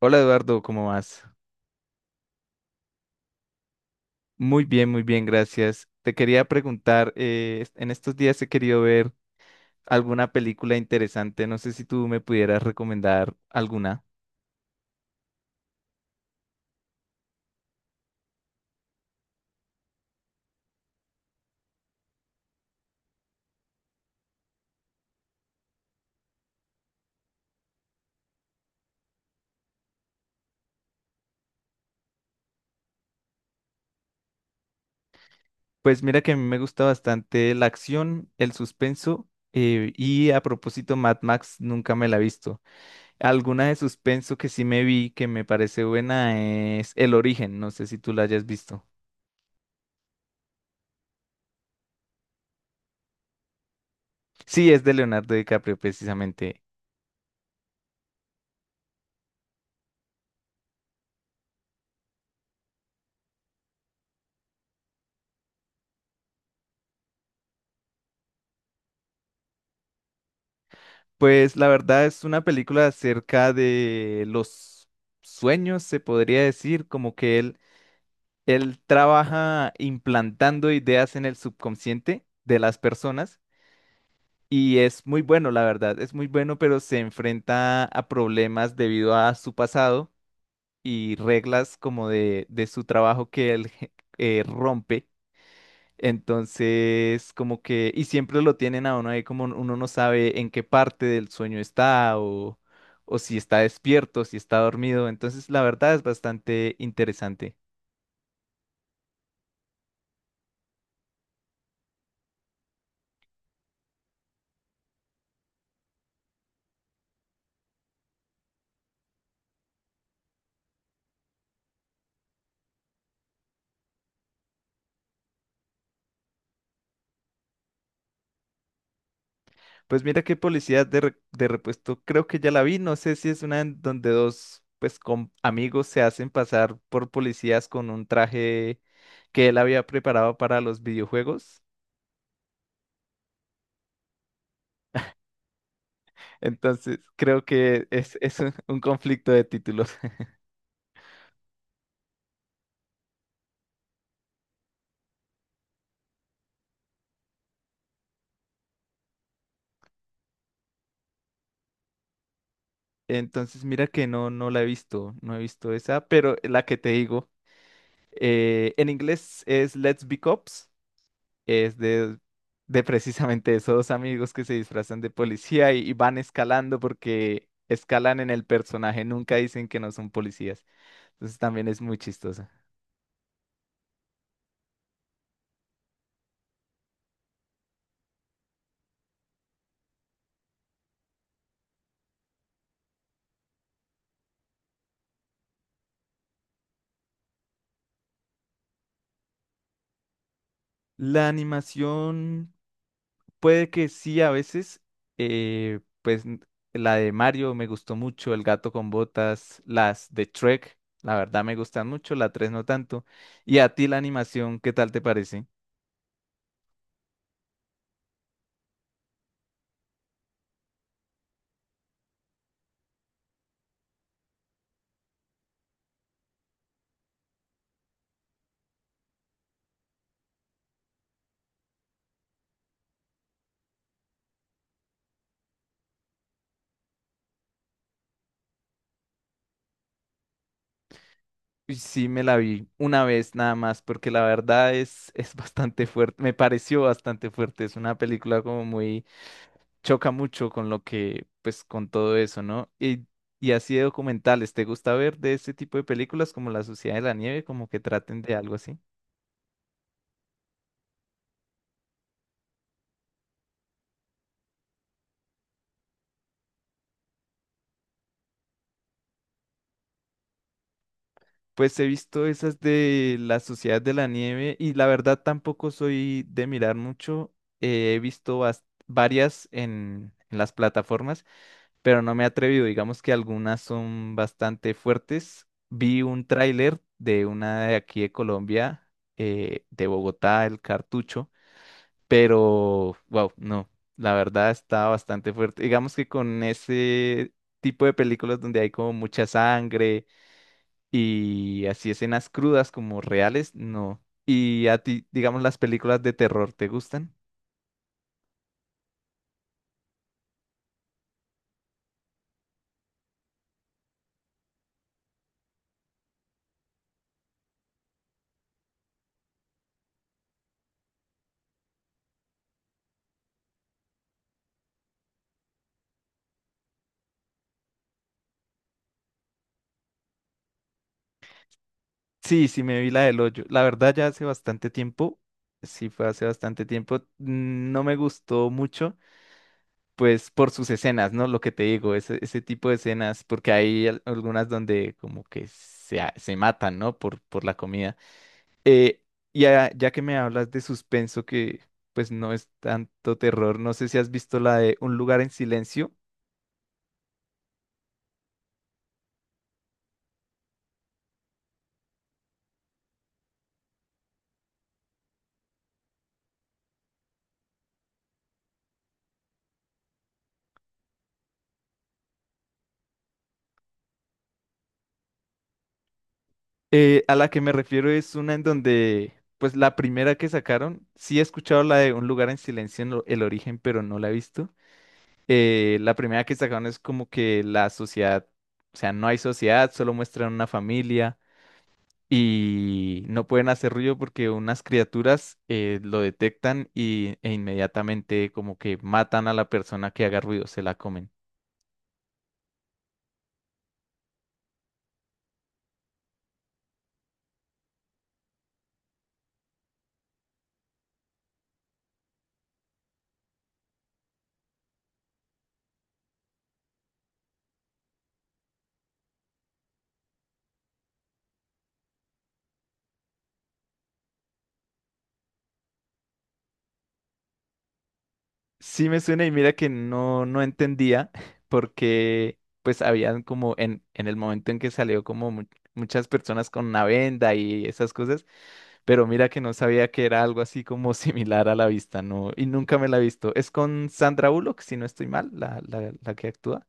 Hola, Eduardo, ¿cómo vas? Muy bien, gracias. Te quería preguntar, en estos días he querido ver alguna película interesante. No sé si tú me pudieras recomendar alguna. Pues mira que a mí me gusta bastante la acción, el suspenso, y a propósito Mad Max nunca me la he visto. Alguna de suspenso que sí me vi que me parece buena es El Origen, no sé si tú la hayas visto. Sí, es de Leonardo DiCaprio precisamente. Pues la verdad es una película acerca de los sueños, se podría decir, como que él trabaja implantando ideas en el subconsciente de las personas y es muy bueno, la verdad, es muy bueno, pero se enfrenta a problemas debido a su pasado y reglas como de su trabajo que él rompe. Entonces, como que, y siempre lo tienen a uno ahí como uno no sabe en qué parte del sueño está o si está despierto, si está dormido. Entonces, la verdad es bastante interesante. Pues mira qué policía de repuesto, creo que ya la vi. No sé si es una en donde dos, pues, con amigos se hacen pasar por policías con un traje que él había preparado para los videojuegos. Entonces, creo que es un conflicto de títulos. Entonces, mira que no, no la he visto, no he visto esa, pero la que te digo, en inglés es Let's Be Cops, es de precisamente esos dos amigos que se disfrazan de policía y van escalando porque escalan en el personaje, nunca dicen que no son policías. Entonces también es muy chistosa. La animación puede que sí, a veces, pues la de Mario me gustó mucho, El gato con botas, las de Trek, la verdad me gustan mucho, la 3 no tanto. Y a ti la animación, ¿qué tal te parece? Sí, me la vi una vez nada más, porque la verdad es, es bastante fuerte, me pareció bastante fuerte. Es una película como muy, choca mucho con lo que, pues con todo eso, ¿no? Y así de documentales, ¿te gusta ver de ese tipo de películas como La Sociedad de la Nieve, como que traten de algo así? Pues he visto esas de la Sociedad de la Nieve y la verdad tampoco soy de mirar mucho. He visto varias en las plataformas, pero no me he atrevido. Digamos que algunas son bastante fuertes. Vi un tráiler de una de aquí de Colombia, de Bogotá, El Cartucho, pero wow, no, la verdad está bastante fuerte. Digamos que con ese tipo de películas donde hay como mucha sangre y así escenas crudas como reales, no. ¿Y a ti, digamos, las películas de terror, te gustan? Sí, sí, me vi la del hoyo. La verdad, ya hace bastante tiempo, sí fue hace bastante tiempo, no me gustó mucho, pues por sus escenas, ¿no? Lo que te digo, ese tipo de escenas, porque hay algunas donde como que se, se matan, ¿no? Por la comida. Eh, ya que me hablas de suspenso, que pues no es tanto terror, no sé si has visto la de Un lugar en silencio. A la que me refiero es una en donde, pues la primera que sacaron, sí he escuchado la de Un lugar en silencio en el origen, pero no la he visto. La primera que sacaron es como que la sociedad, o sea, no hay sociedad, solo muestran una familia y no pueden hacer ruido porque unas criaturas lo detectan y, e inmediatamente como que matan a la persona que haga ruido, se la comen. Sí, me suena, y mira que no, no entendía porque pues habían como en el momento en que salió como muchas personas con una venda y esas cosas, pero mira que no sabía que era algo así como similar a la vista, ¿no? Y nunca me la he visto. Es con Sandra Bullock, si no estoy mal, la que actúa.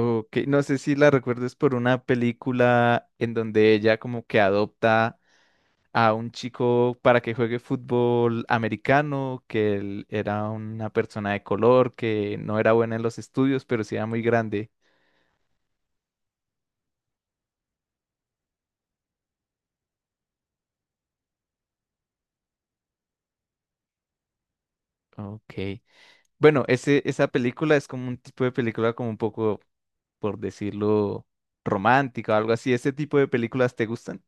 Ok, no sé si la recuerdo. Es por una película en donde ella como que adopta a un chico para que juegue fútbol americano, que él era una persona de color, que no era buena en los estudios, pero sí era muy grande. Ok. Bueno, ese, esa película es como un tipo de película como un poco, por decirlo, romántica o algo así. ¿Ese tipo de películas te gustan?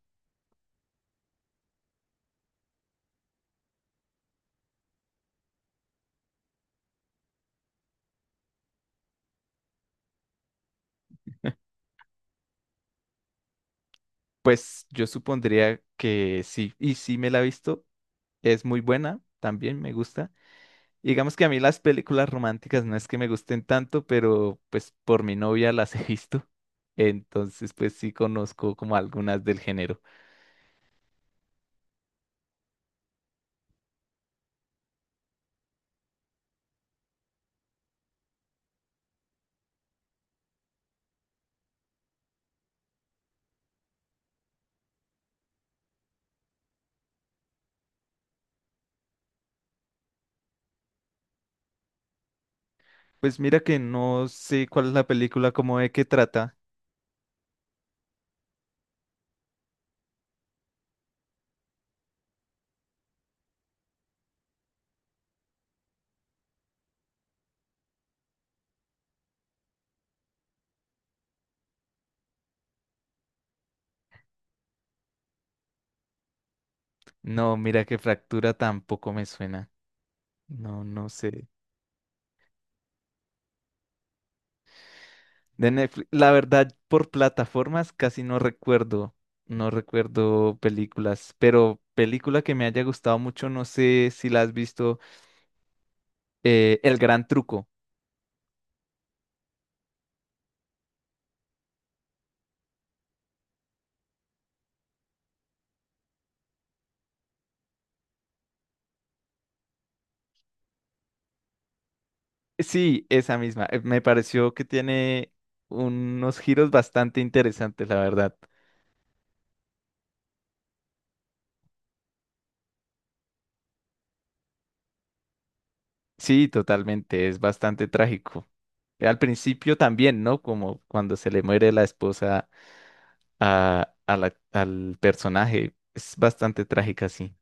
Pues yo supondría que sí, y sí me la he visto, es muy buena, también me gusta. Y digamos que a mí las películas románticas no es que me gusten tanto, pero pues por mi novia las he visto. Entonces, pues sí conozco como algunas del género. Pues mira que no sé cuál es la película, como de qué trata. No, mira que Fractura tampoco me suena. No, no sé. De Netflix, la verdad, por plataformas casi no recuerdo. No recuerdo películas, pero película que me haya gustado mucho, no sé si la has visto, El Gran Truco. Sí, esa misma. Me pareció que tiene unos giros bastante interesantes, la verdad. Sí, totalmente, es bastante trágico. Al principio también, ¿no? Como cuando se le muere la esposa al personaje. Es bastante trágica, sí.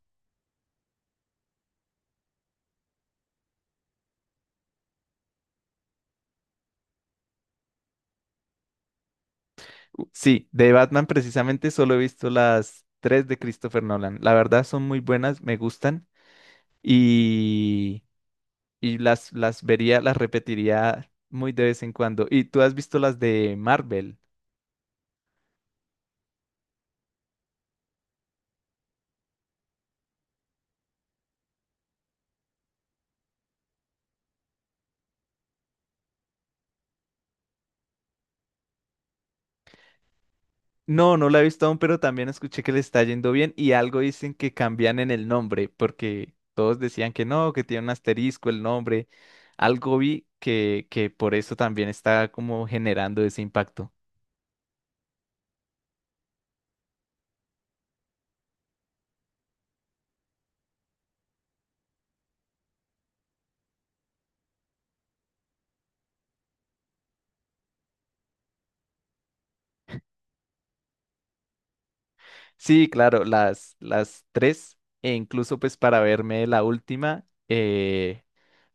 Sí, de Batman precisamente solo he visto las tres de Christopher Nolan. La verdad son muy buenas, me gustan y, y las vería, las repetiría muy de vez en cuando. ¿Y tú has visto las de Marvel? No, no la he visto aún, pero también escuché que le está yendo bien y algo dicen que cambian en el nombre, porque todos decían que no, que tiene un asterisco el nombre. Algo vi que por eso también está como generando ese impacto. Sí, claro, las tres, e incluso pues para verme la última,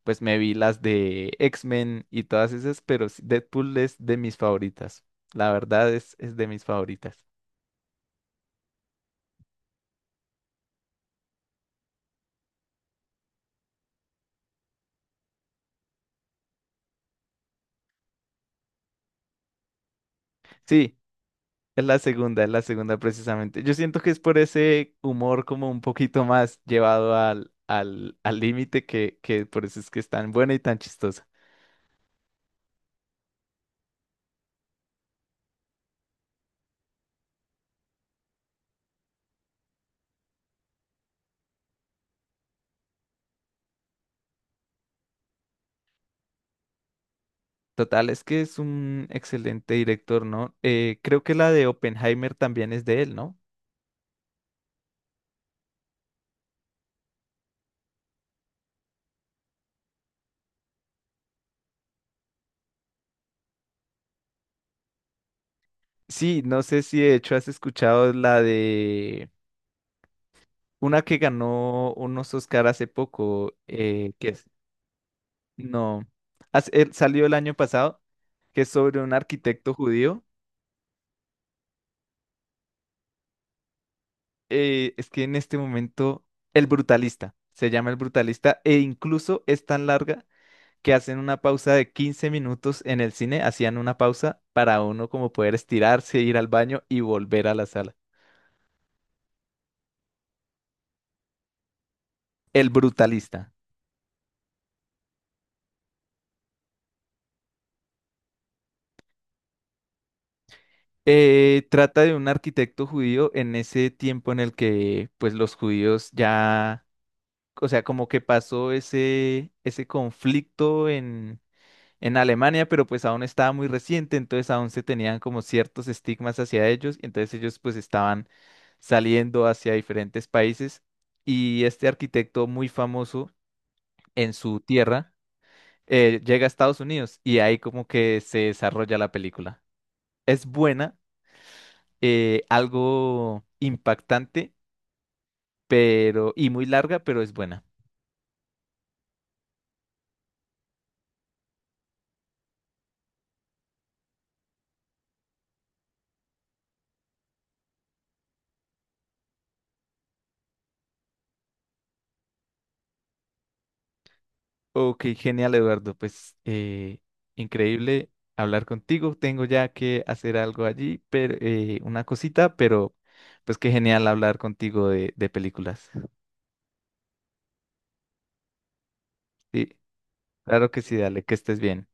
pues me vi las de X-Men y todas esas, pero sí, Deadpool es de mis favoritas. La verdad es de mis favoritas. Sí. Es la segunda precisamente. Yo siento que es por ese humor como un poquito más llevado al límite, que por eso es que es tan buena y tan chistosa. Total, es que es un excelente director, ¿no? Creo que la de Oppenheimer también es de él, ¿no? Sí, no sé si de hecho has escuchado la de una que ganó unos Oscar hace poco, que es, no, salió el año pasado, que es sobre un arquitecto judío. Es que en este momento El Brutalista, se llama El Brutalista, e incluso es tan larga que hacen una pausa de 15 minutos en el cine, hacían una pausa para uno como poder estirarse, ir al baño y volver a la sala. El Brutalista. Trata de un arquitecto judío en ese tiempo en el que pues los judíos ya, o sea, como que pasó ese conflicto en Alemania, pero pues aún estaba muy reciente, entonces aún se tenían como ciertos estigmas hacia ellos, y entonces ellos pues estaban saliendo hacia diferentes países y este arquitecto muy famoso en su tierra llega a Estados Unidos y ahí como que se desarrolla la película. Es buena, algo impactante, pero y muy larga, pero es buena. Ok, genial, Eduardo. Pues increíble hablar contigo. Tengo ya que hacer algo allí, pero una cosita, pero pues qué genial hablar contigo de películas. Sí, claro que sí, dale, que estés bien.